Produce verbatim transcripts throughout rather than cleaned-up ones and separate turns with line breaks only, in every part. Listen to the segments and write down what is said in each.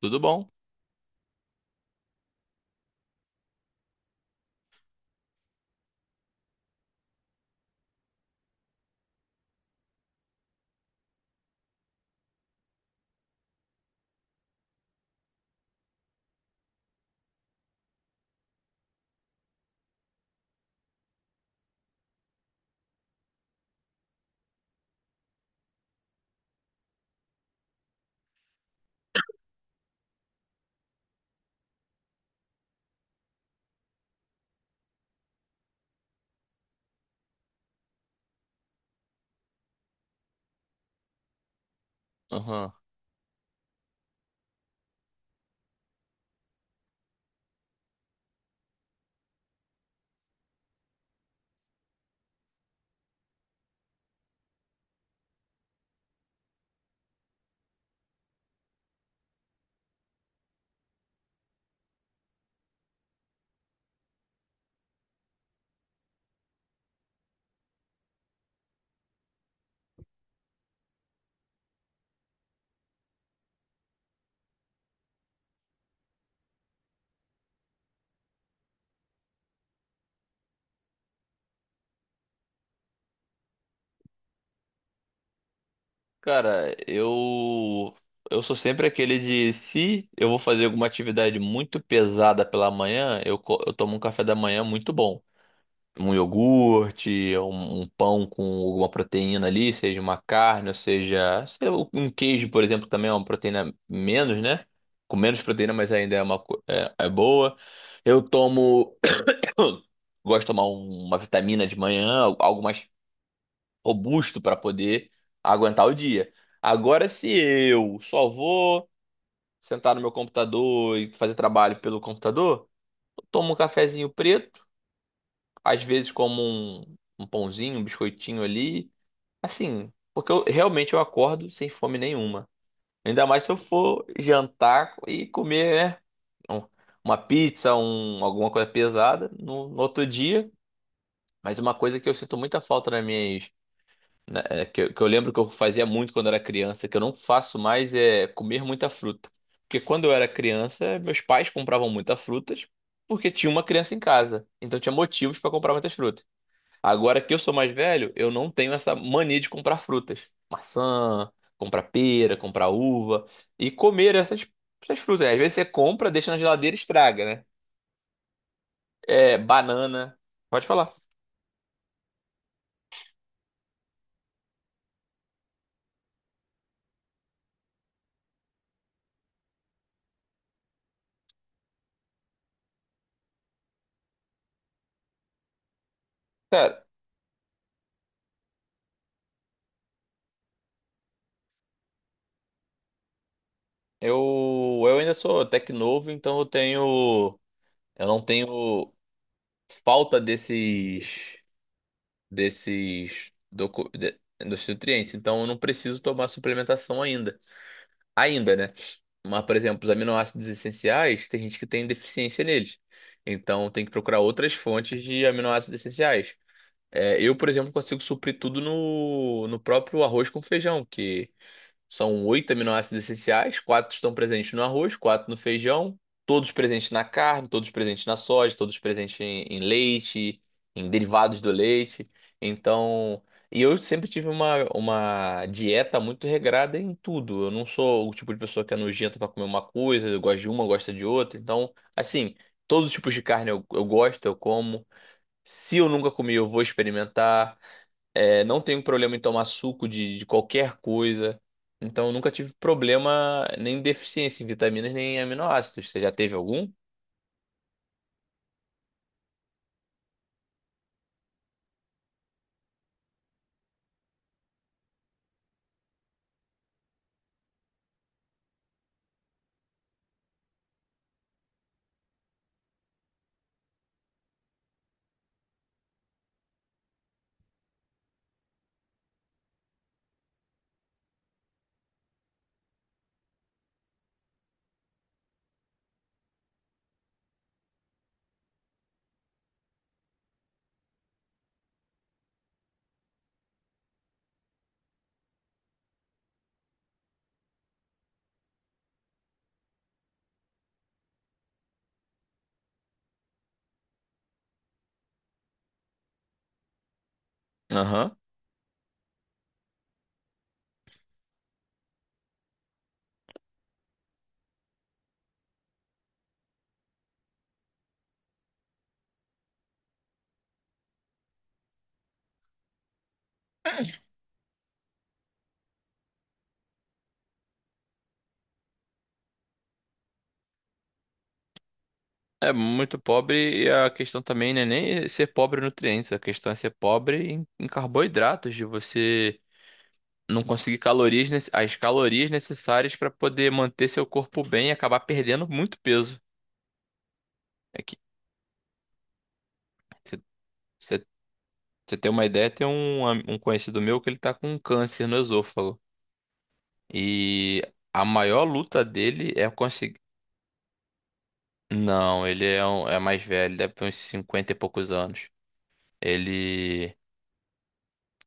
Tudo bom? Aham. Cara, eu eu sou sempre aquele de se eu vou fazer alguma atividade muito pesada pela manhã, eu, co- eu tomo um café da manhã muito bom. Um iogurte, um, um pão com alguma proteína ali, seja uma carne, ou seja, sei lá, um queijo, por exemplo, também é uma proteína menos, né? Com menos proteína, mas ainda é uma co- é, é boa. Eu tomo gosto de tomar um- uma vitamina de manhã, algo mais robusto para poder aguentar o dia. Agora, se eu só vou sentar no meu computador e fazer trabalho pelo computador, eu tomo um cafezinho preto, às vezes como um, um pãozinho, um biscoitinho ali, assim, porque eu realmente eu acordo sem fome nenhuma. Ainda mais se eu for jantar e comer, né, um- uma pizza, um, alguma coisa pesada no, no outro dia. Mas uma coisa que eu sinto muita falta nas minhas né, é, que, eu que eu lembro que eu fazia muito quando era criança, que eu não faço mais é comer muita fruta. Porque quando eu era criança, meus pais compravam muitas frutas porque tinha uma criança em casa. Então tinha motivos para comprar muitas frutas. Agora que eu sou mais velho, eu não tenho essa mania de comprar frutas. Maçã, comprar pera, comprar uva e comer essas, essas frutas, né? Às vezes você compra, deixa na geladeira e estraga, né? É, banana. Pode falar. Cara, eu, eu ainda sou até que novo, então eu tenho. Eu não tenho falta desses desses docu- de- dos nutrientes, então eu não preciso tomar suplementação ainda. Ainda, né? Mas, por exemplo, os aminoácidos essenciais, tem gente que tem deficiência neles. Então tem que procurar outras fontes de aminoácidos essenciais. É, eu, por exemplo, consigo suprir tudo no, no próprio arroz com feijão, que são oito aminoácidos essenciais, quatro estão presentes no arroz, quatro no feijão, todos presentes na carne, todos presentes na soja, todos presentes em, em leite, em derivados do leite. Então, e eu sempre tive uma, uma dieta muito regrada em tudo. Eu não sou o tipo de pessoa que é nojenta para comer uma coisa, eu gosto de uma, gosto de outra. Então, assim, todos os tipos de carne eu, eu gosto, eu como. Se eu nunca comi, eu vou experimentar. É, não tenho problema em tomar suco de, de qualquer coisa. Então, eu nunca tive problema nem deficiência em vitaminas nem em aminoácidos. Você já teve algum? Aham. É muito pobre e a questão também não é nem ser pobre em nutrientes, a questão é ser pobre em, em carboidratos, de você não conseguir calorias, nece- as calorias necessárias para poder manter seu corpo bem e acabar perdendo muito peso. É que você você- você tem uma ideia, tem um, am- um conhecido meu que ele tá com câncer no esôfago. E a maior luta dele é conseguir. Não, ele é, um- é mais velho, deve ter uns cinquenta e poucos anos. Ele,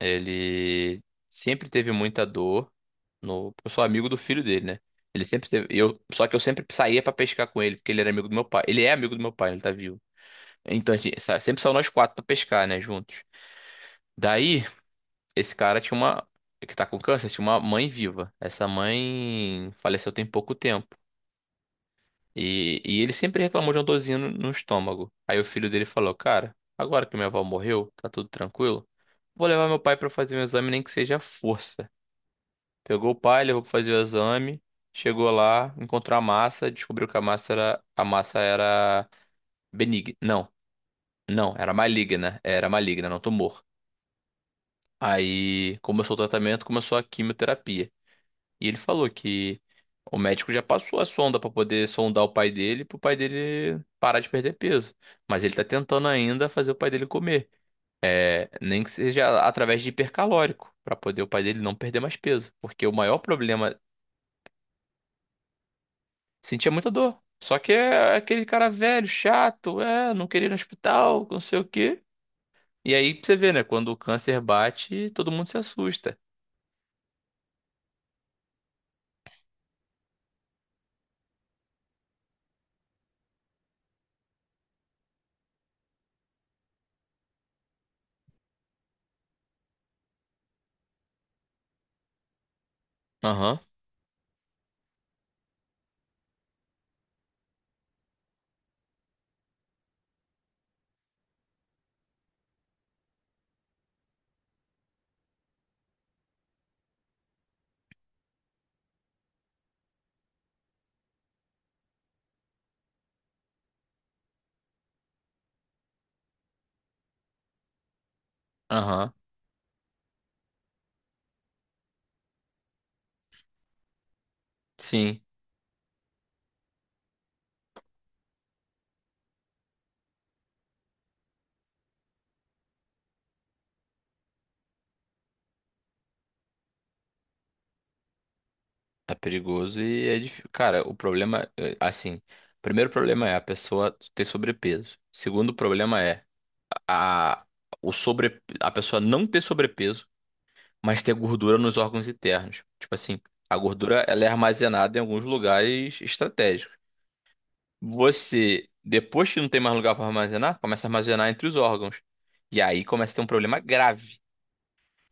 ele sempre teve muita dor no. Eu sou amigo do filho dele, né? Ele sempre teve. Eu, só que eu sempre saía pra pescar com ele, porque ele era amigo do meu pai. Ele é amigo do meu pai, ele tá vivo. Então, assim, sa- sempre são nós quatro pra pescar, né, juntos. Daí, esse cara tinha uma. Que tá com câncer, tinha uma mãe viva. Essa mãe faleceu tem pouco tempo. E, e ele sempre reclamou de uma dorzinha no, no estômago. Aí o filho dele falou: "Cara, agora que minha avó morreu, tá tudo tranquilo, vou levar meu pai pra fazer um exame, nem que seja à força." Pegou o pai, levou pra fazer o exame, chegou lá, encontrou a massa, descobriu que a massa era, a massa era benigna. Não, não, era maligna, era maligna, não tumor. Aí começou o tratamento, começou a quimioterapia. E ele falou que o médico já passou a sonda pra poder sondar o pai dele, pro pai dele parar de perder peso. Mas ele tá tentando ainda fazer o pai dele comer. É, nem que seja através de hipercalórico, pra poder o pai dele não perder mais peso. Porque o maior problema, sentia muita dor. Só que é aquele cara velho, chato, é, não querer ir no hospital, não sei o quê. E aí pra você vê, né? Quando o câncer bate, todo mundo se assusta. Aham, aham, sim. É perigoso e é difícil. Cara, o problema, é, assim, primeiro problema é a pessoa ter sobrepeso. Segundo problema é a, o sobre, a pessoa não ter sobrepeso, mas ter gordura nos órgãos internos. Tipo assim, a gordura ela é armazenada em alguns lugares estratégicos. Você, depois que não tem mais lugar para armazenar, começa a armazenar entre os órgãos. E aí começa a ter um problema grave.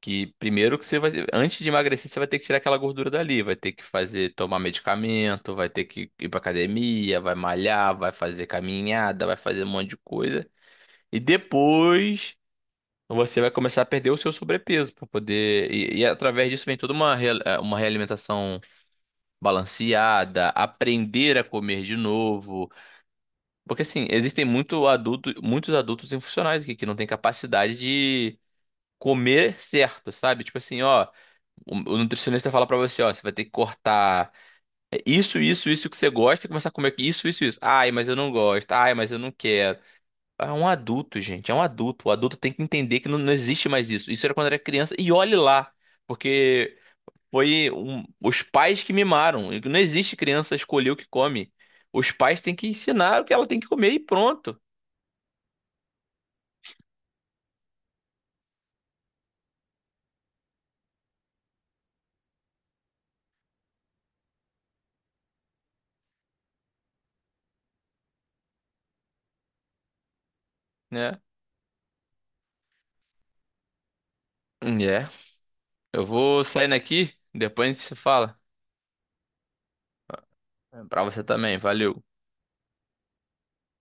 Que primeiro que você vai, antes de emagrecer, você vai ter que tirar aquela gordura dali, vai ter que fazer, tomar medicamento, vai ter que ir pra academia, vai malhar, vai fazer caminhada, vai fazer um monte de coisa. E depois você vai começar a perder o seu sobrepeso para poder. E, e através disso vem toda uma, real- eh, uma realimentação balanceada, aprender a comer de novo. Porque assim, existem muito adulto, muitos adultos infuncionais aqui que não têm capacidade de comer certo, sabe? Tipo assim, ó. O, o nutricionista fala pra você, ó, você vai ter que cortar é, isso, isso, isso que você gosta e começar a comer isso, isso, isso. Ai, mas eu não gosto. Ai, mas eu não quero. É um adulto, gente, é um adulto. O adulto tem que entender que não, não existe mais isso. Isso era quando era criança e olhe lá, porque foi um- os pais que mimaram. Não existe criança escolher o que come. Os pais têm que ensinar o que ela tem que comer e pronto, né? É. Eu vou saindo aqui, depois a gente se fala. Pra você também, valeu.